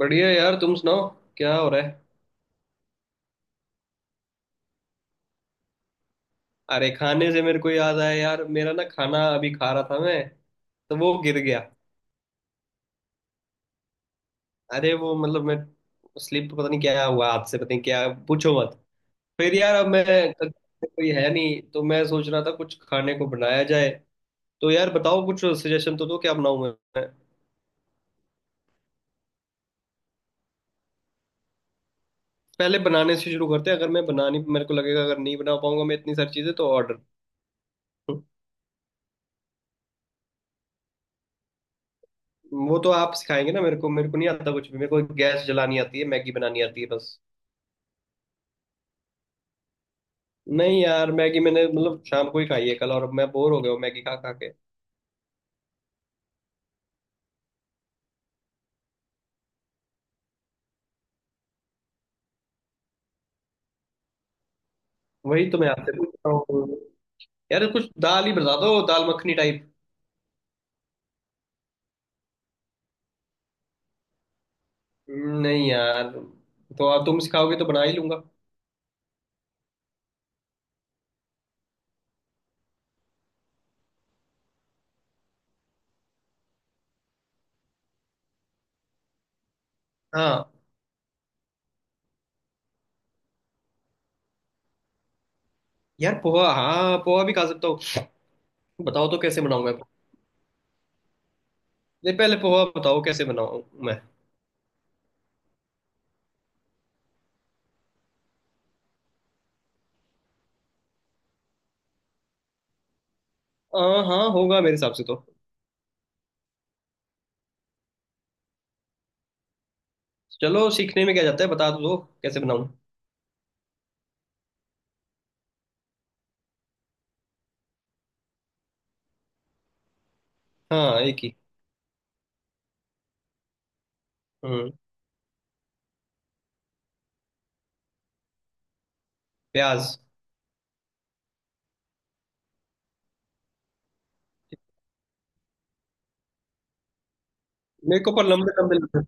बढ़िया यार, तुम सुनाओ, क्या हो रहा है। अरे खाने से मेरे को याद आया यार, मेरा खाना अभी खा रहा था मैं, तो वो गिर गया। अरे वो मतलब मैं स्लिप, पता नहीं क्या हुआ, हाथ से, पता नहीं क्या, पूछो मत। फिर यार अब मैं, कोई है नहीं तो मैं सोच रहा था कुछ खाने को बनाया जाए। तो यार बताओ, कुछ सजेशन तो दो, क्या बनाऊं मैं। पहले बनाने से शुरू करते हैं, अगर मैं बनानी मेरे को लगेगा अगर नहीं बना पाऊंगा मैं इतनी सारी चीजें तो ऑर्डर। वो तो आप सिखाएंगे ना मेरे को, मेरे को नहीं आता कुछ भी, मेरे को गैस जलानी आती है, मैगी बनानी आती है, बस। नहीं यार, मैगी मैंने मतलब शाम को ही खाई है कल, और अब मैं बोर हो गया हूँ मैगी खा खा के। वही तो मैं आपसे पूछ रहा हूँ। यार कुछ दाल ही बता दो, दाल मखनी टाइप। नहीं यार, तो आप तुम सिखाओगे तो बना ही लूंगा। हाँ। यार पोहा, हाँ पोहा भी खा सकता हूँ। बताओ तो कैसे बनाऊँ मैं। नहीं पहले पोहा बताओ कैसे बनाऊँ मैं। हाँ हाँ, होगा मेरे हिसाब से तो। चलो, सीखने में क्या जाता है, बता तो दो कैसे बनाऊँ। हाँ एक ही। हम्म। प्याज। मेरे को पर लंबे लंबे लंबे-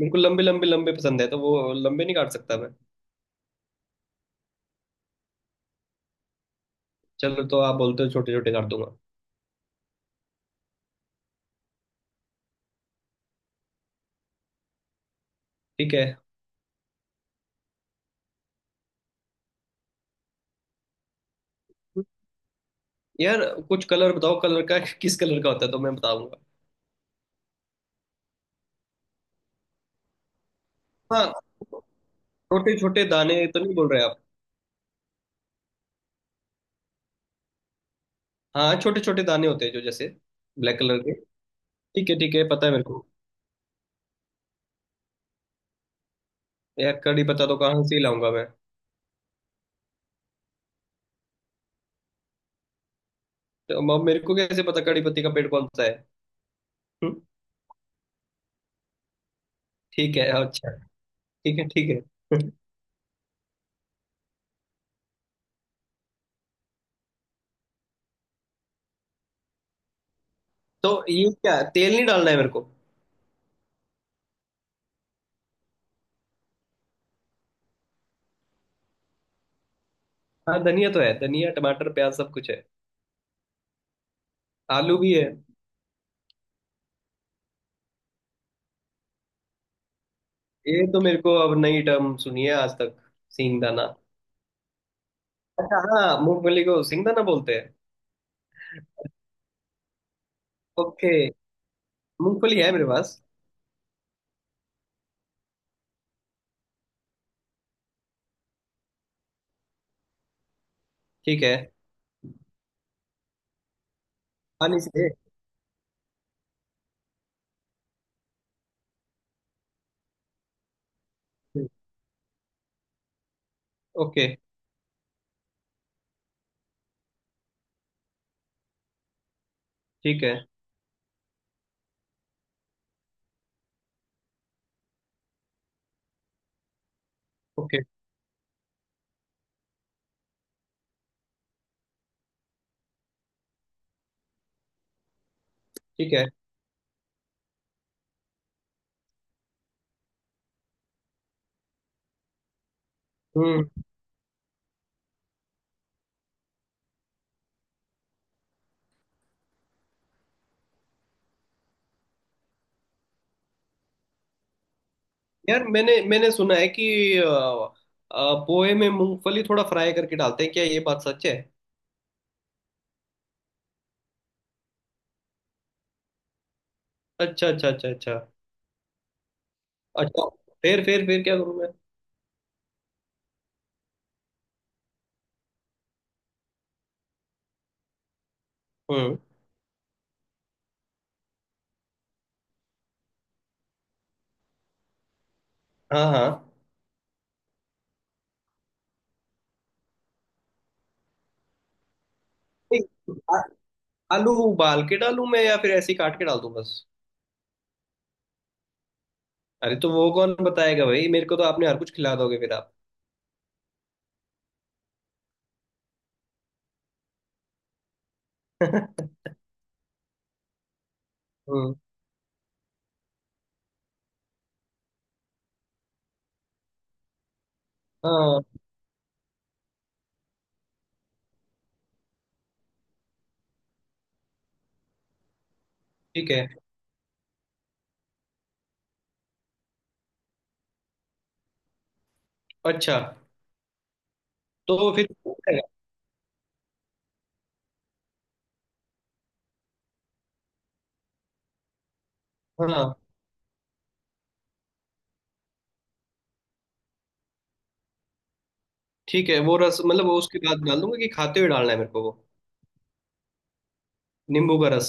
मेरे को लंबे लंबे लंबे पसंद है, तो वो लंबे नहीं काट सकता मैं। चलो, तो आप बोलते हो छोटे छोटे कर दूंगा। ठीक है। यार कुछ कलर बताओ, कलर का किस कलर का होता है तो मैं बताऊंगा। हाँ, छोटे छोटे दाने तो नहीं बोल रहे आप। हाँ छोटे छोटे दाने होते हैं जो जैसे ब्लैक कलर के। ठीक है ठीक है, पता है मेरे को। यार कड़ी पत्ता तो कहाँ से ही लाऊंगा मैं। तो मेरे को कैसे पता कड़ी पत्ती का पेड़ कौन सा है। हम्म, ठीक है अच्छा। ठीक है तो ये क्या तेल नहीं डालना है मेरे को। हाँ धनिया तो है, धनिया टमाटर प्याज सब कुछ है। आलू भी है। ये तो मेरे को अब नई टर्म सुनी है आज तक। सींग दाना। अच्छा, हाँ मूंगफली को सिंगदाना बोलते हैं। ओके। मूंगफली है मेरे पास। ठीक है। पानी से। ओके। ठीक है। ओके। ठीक है। हम्म। यार मैंने मैंने सुना है कि पोहे में मूंगफली थोड़ा फ्राई करके डालते हैं, क्या ये बात सच है। अच्छा अच्छा अच्छा अच्छा। अच्छा। फिर क्या करूँ मैं। हम्म। हाँ हाँ। नहीं, आ- आलू उबाल के डालूं मैं या फिर ऐसे ही काट के डाल दूं बस। अरे तो वो कौन बताएगा भाई, मेरे को तो आपने हर कुछ खिला दोगे फिर आप हम्म। हाँ। ठीक है अच्छा। तो फिर हो जाएगा। हाँ ठीक है, वो रस मतलब वो उसके बाद डाल दूंगा कि खाते हुए डालना है मेरे को वो। नींबू का रस।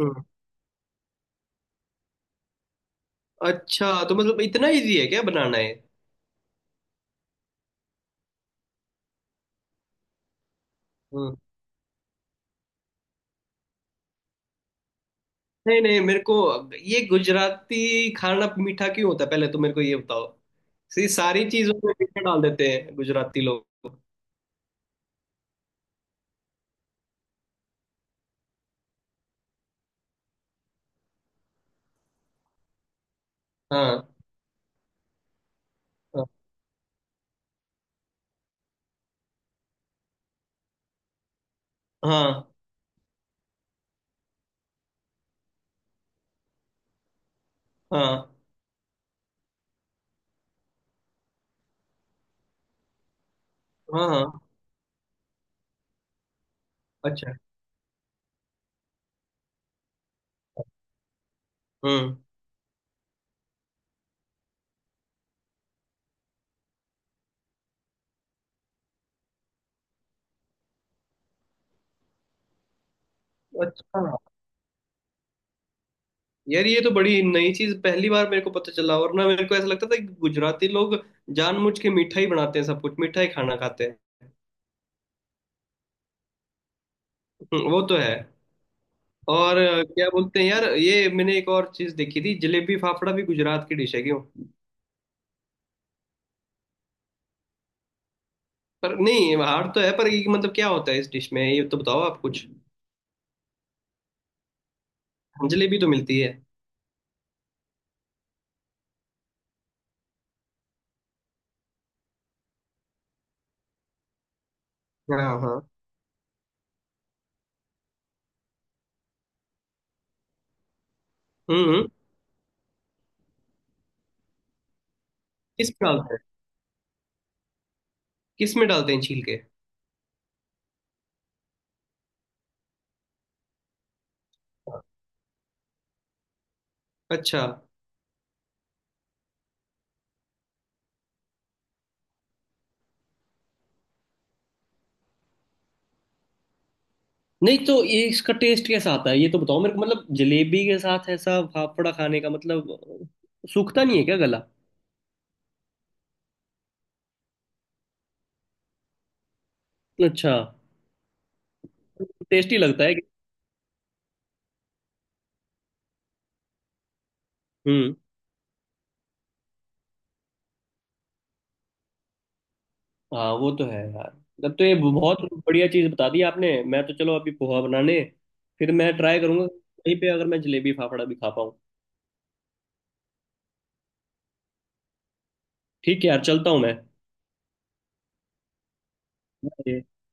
हम्म। अच्छा तो मतलब इतना इजी है क्या बनाना है। हम्म। नहीं नहीं, मेरे को, ये गुजराती खाना मीठा क्यों होता है पहले तो मेरे को ये बताओ। ये सारी चीजों में मीठा डाल देते हैं गुजराती लोग। हाँ। हाँ। हाँ। हाँ। हाँ। हाँ। अच्छा। हम्म। अच्छा। यार ये तो बड़ी नई चीज, पहली बार मेरे को पता चला, वरना मेरे को ऐसा लगता था कि गुजराती लोग जानबूझ के मीठा ही बनाते हैं, सब कुछ मीठा ही खाना खाते हैं। वो तो है। और क्या बोलते हैं यार, ये मैंने एक और चीज देखी थी, जलेबी फाफड़ा भी गुजरात की डिश है क्यों। पर नहीं हार्ड तो है, पर ये मतलब क्या होता है इस डिश में, ये तो बताओ आप कुछ। जलेबी तो मिलती है। हाँ हाँ। हम्म हम्म। किस में डालते हैं। किस में डालते हैं छील के। अच्छा। नहीं तो ये इसका टेस्ट कैसा आता है ये तो बताओ मेरे को, मतलब जलेबी के साथ ऐसा फाफड़ा खाने का मतलब सूखता नहीं है क्या गला। अच्छा। टेस्टी लगता है कि-। हम्म। हाँ वो तो है यार। तब तो ये बहुत बढ़िया चीज बता दी आपने। मैं तो चलो अभी पोहा बनाने। फिर मैं ट्राई करूंगा कहीं पे अगर मैं जलेबी फाफड़ा भी खा पाऊँ। ठीक है यार, चलता हूँ मैं।